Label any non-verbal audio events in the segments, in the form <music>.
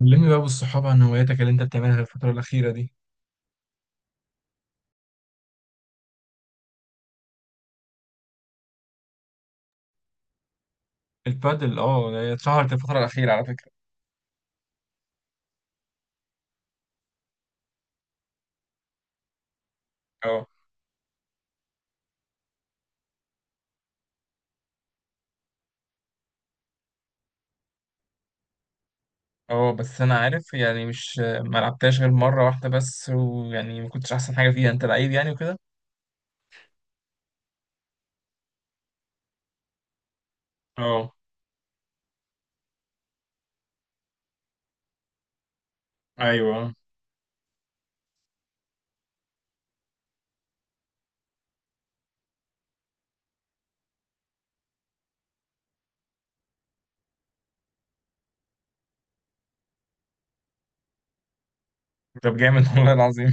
كلمني بقى بالصحاب عن هواياتك اللي انت بتعملها الفترة الأخيرة دي. البادل، اه، هي اتشهرت الفترة الأخيرة على فكرة. اه اه، بس أنا عارف يعني مش ما لعبتهاش غير مرة واحدة بس، ويعني ما كنتش أحسن حاجة فيها، أنت لعيب يعني وكده. اه أيوه. طب جامد <laughs> والله العظيم.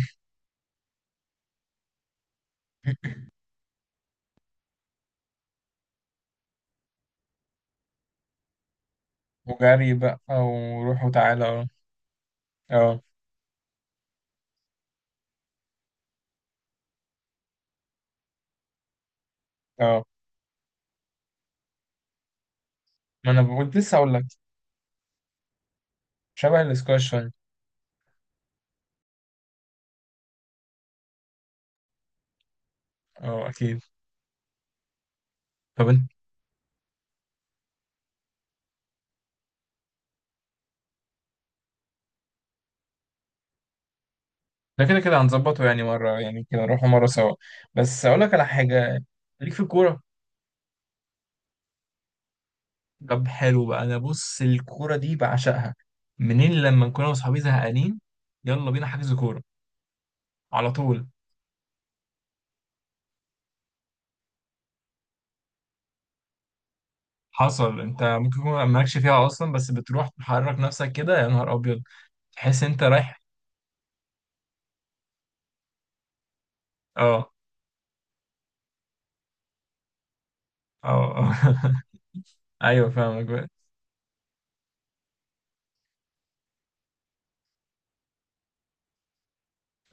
وجري بقى، وروح وتعالى اه اه ما أنا بقول، لسه أقول لك شبه الاسكواش فعلا. اه أكيد. طب انت ده كده كده هنظبطه، يعني مرة يعني كده نروحوا مرة سوا. بس أقول لك على حاجة ليك في الكورة. طب حلو بقى، انا بص الكوره دي بعشقها. منين لما نكون انا واصحابي زهقانين، يلا بينا حجز كوره على طول. حصل، انت ممكن يكون مالكش فيها اصلا، بس بتروح تحرك نفسك كده، يا نهار ابيض تحس انت رايح. اه اه <laughs> ايوه، فاهمك بقى.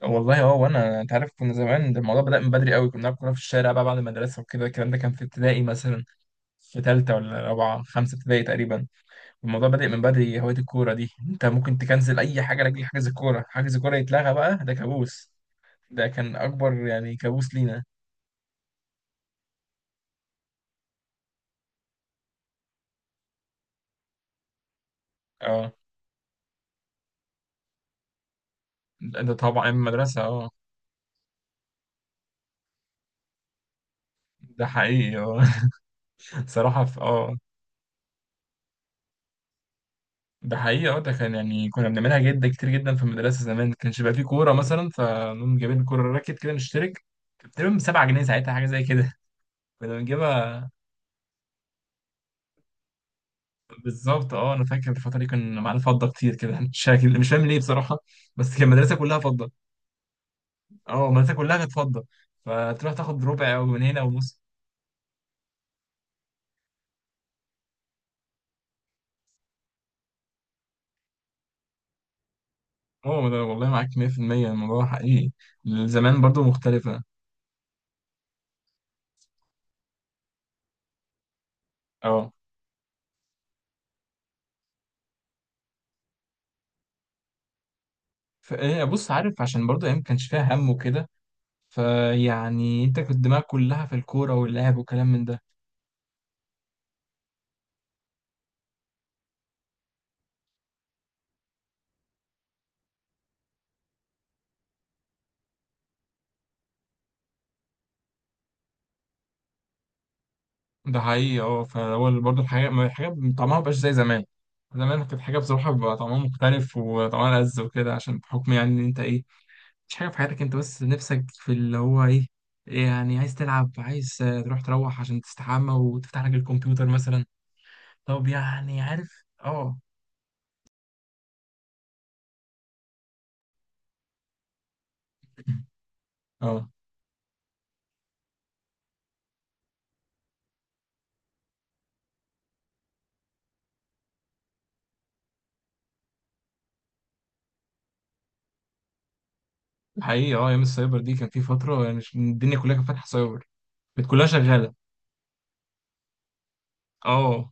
والله اه، وانا انت عارف كنا زمان، ده الموضوع بدأ من بدري قوي، كنا بنلعب كوره في الشارع بقى بعد المدرسه وكده، الكلام ده كان في ابتدائي مثلا، في ثالثه ولا رابعه خمسه ابتدائي تقريبا. الموضوع بادئ من بدري هواية الكورة دي، انت ممكن تكنسل اي حاجة لاجل حجز الكورة. حجز الكورة يتلغى بقى ده كابوس، ده كان اكبر يعني كابوس لينا. اه ده ده طبعا ايام المدرسة اه. ده حقيقي اه <laughs> صراحة في اه. ده حقيقي اه، ده كان يعني كنا بنعملها جدا كتير جدا في المدرسة زمان، كانش بقى فيه كورة مثلا فنقوم جايبين كورة راكت كده نشترك، كانت تقريبا ب 7 جنيه ساعتها حاجة زي كده كنا بنجيبها. بالظبط اه، انا فاكر الفترة دي كان معانا فضة كتير كده شكل، مش فاهم ليه بصراحة، بس كان المدرسة كلها فضة. اه، مدرسة كلها كانت فضة، فتروح تاخد ربع او جنيه او نص. اه ده والله معاك 100%، الموضوع حقيقي. زمان برضو مختلفة اه. فايه بص، عارف عشان برضو ايام ما كانش فيها هم وكده، فيعني انت كنت دماغك كلها في الكورة واللعب والكلام من ده. ده حقيقي اه، فهو برضو الحاجة الحاجة طعمها مبقاش زي زمان، زمان كانت حاجة بصراحة بيبقى طعمها مختلف وطعمها لذ وكده، عشان بحكم يعني ان انت ايه، مش حاجة في حياتك انت بس نفسك في اللي هو ايه. يعني عايز تلعب، عايز تروح عشان تستحمى وتفتح لك الكمبيوتر مثلا. طب يعني عارف اه <laughs> اه حقيقي اه، ايام السايبر دي كان في فترة يعني، الدنيا كلها كانت فاتحة سايبر، كانت كلها شغالة. اه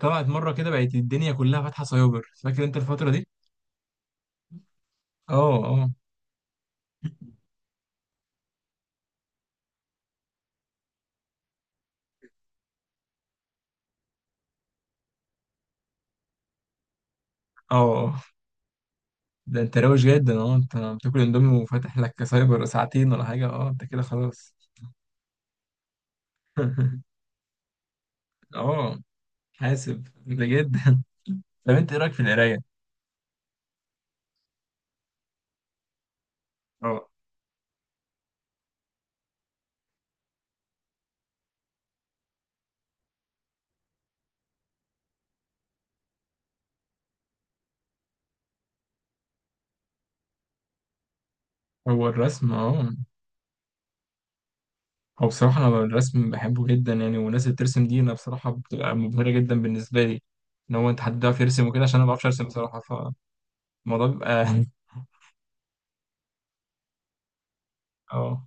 طلعت مرة كده بقت الدنيا كلها فاتحة سايبر، فاكر انت الفترة دي؟ اه اه اه آه. ده انت روش جدا اه، انت بتاكل اندومي وفاتح لك سايبر ساعتين ولا حاجة، اه انت كده خلاص <laughs> اه حاسب بجد. طب انت ايه رايك في القرايه. اه هو الرسم اه. هو بصراحه انا الرسم بحبه جدا يعني، والناس اللي بترسم دي انا بصراحه بتبقى مبهره جدا بالنسبه لي، ان هو انت حد بيعرف يرسم وكده، عشان انا ما بعرفش ارسم بصراحه، فالموضوع بيبقى <laughs> اه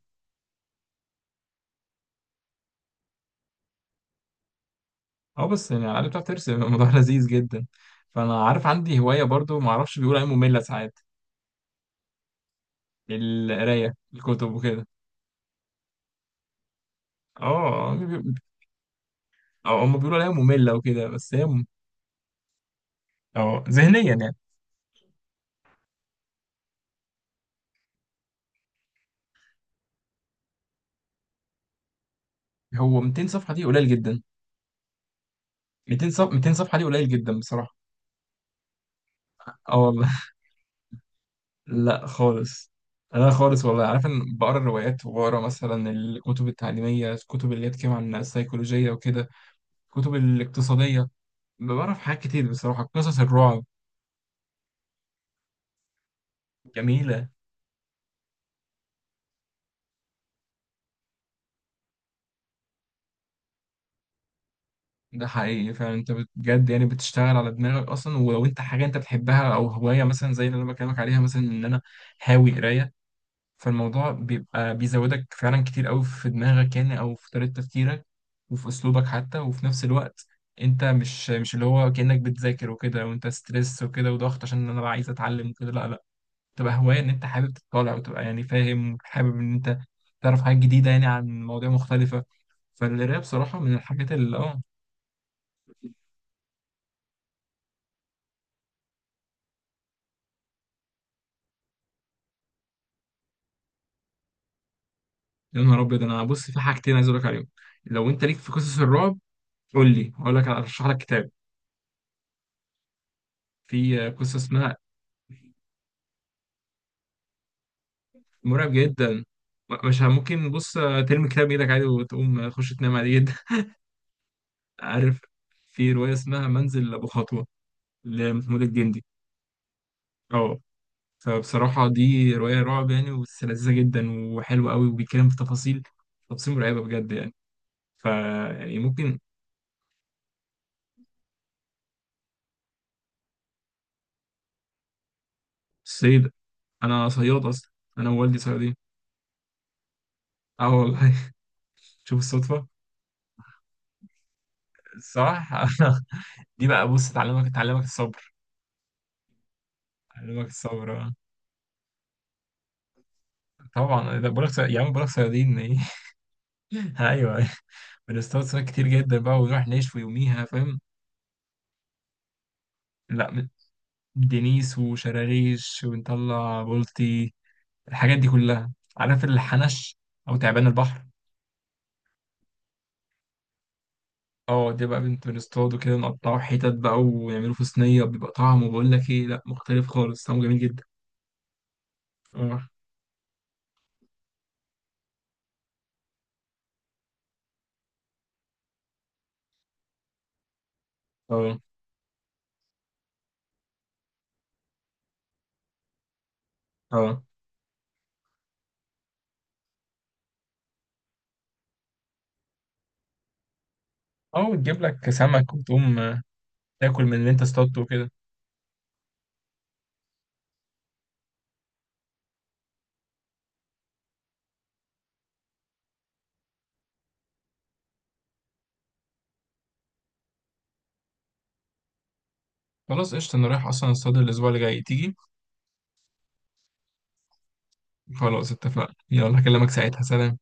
اه، بس يعني على بتعرف ترسم الموضوع <laughs> لذيذ جدا. فانا عارف عندي هوايه برضو، ما اعرفش بيقولوا عليها ممله ساعات، القرايه الكتب وكده. اه بي- اه هم بيقولوا عليها ممله وكده، بس هي اه ذهنيا يعني. هو 200 صفحه دي قليل جدا. 200 صفحه دي قليل جدا بصراحه. اه والله لا خالص، انا خالص والله عارف ان بقرا الروايات، وبقرا مثلا الكتب التعليميه، الكتب اللي هي بتتكلم عن السيكولوجيه وكده، الكتب الاقتصاديه، بقرا في حاجات كتير بصراحه، قصص الرعب. جميله. ده حقيقي فعلا، انت بجد يعني بتشتغل على دماغك اصلا، ولو انت حاجه انت بتحبها او هوايه مثلا زي اللي انا بكلمك عليها، مثلا ان انا هاوي قرايه، فالموضوع بيبقى بيزودك فعلا كتير قوي في دماغك، يعني او في طريقة تفكيرك، وفي اسلوبك حتى، وفي نفس الوقت انت مش اللي هو كأنك بتذاكر وكده وانت ستريس وكده وضغط عشان انا بقى عايز اتعلم وكده، لا لا، تبقى هواية ان انت حابب تطالع، وتبقى يعني فاهم، حابب ان انت تعرف حاجات جديدة يعني عن مواضيع مختلفة. فالقراية بصراحة من الحاجات اللي اه، يا نهار ابيض انا بص في حاجتين عايز اقول لك عليهم، لو انت ليك في قصص الرعب قول لي هقول لك ارشح لك كتاب. في قصة اسمها، مرعب جدا، م- مش ه- ممكن بص ترمي كتاب بايدك عادي وتقوم تخش تنام عادي جدا <laughs> عارف في رواية اسمها منزل أبو خطوة لمحمود الجندي اه، فبصراحة دي رواية رعب يعني، بس لذيذة جدا وحلوة قوي، وبيتكلم في تفاصيل، تفاصيل مرعبة بجد يعني، ف يعني ممكن. الصيد، أنا صياد أصلا، أنا ووالدي صيادين. اه والله <laughs> شوف الصدفة. صح <laughs> دي بقى بص تعلمك الصبر. الصبر آه. طبعا ده بقولك يا عم بقولك صيادين ايه <laughs> ايوه. بنصطاد سمك كتير جدا بقى ونروح نشوي يوميها فاهم. لا م- دنيس وشراريش ونطلع بلطي، الحاجات دي كلها. عارف الحنش او تعبان البحر. اه ده بقى بنت بنصطاده كده، نقطعه حتت بقى ونعمله في صينيه، بيبقى طعمه بقول لك ايه، لا مختلف خالص، طعمه جميل جدا. اه اه اه اه وتجيب لك سمك، وتقوم تاكل من اللي انت اصطادته وكده. خلاص قشطة، انا رايح اصلا اصطاد الاسبوع اللي جاي، تيجي؟ خلاص اتفقنا، يلا هكلمك ساعتها، سلام.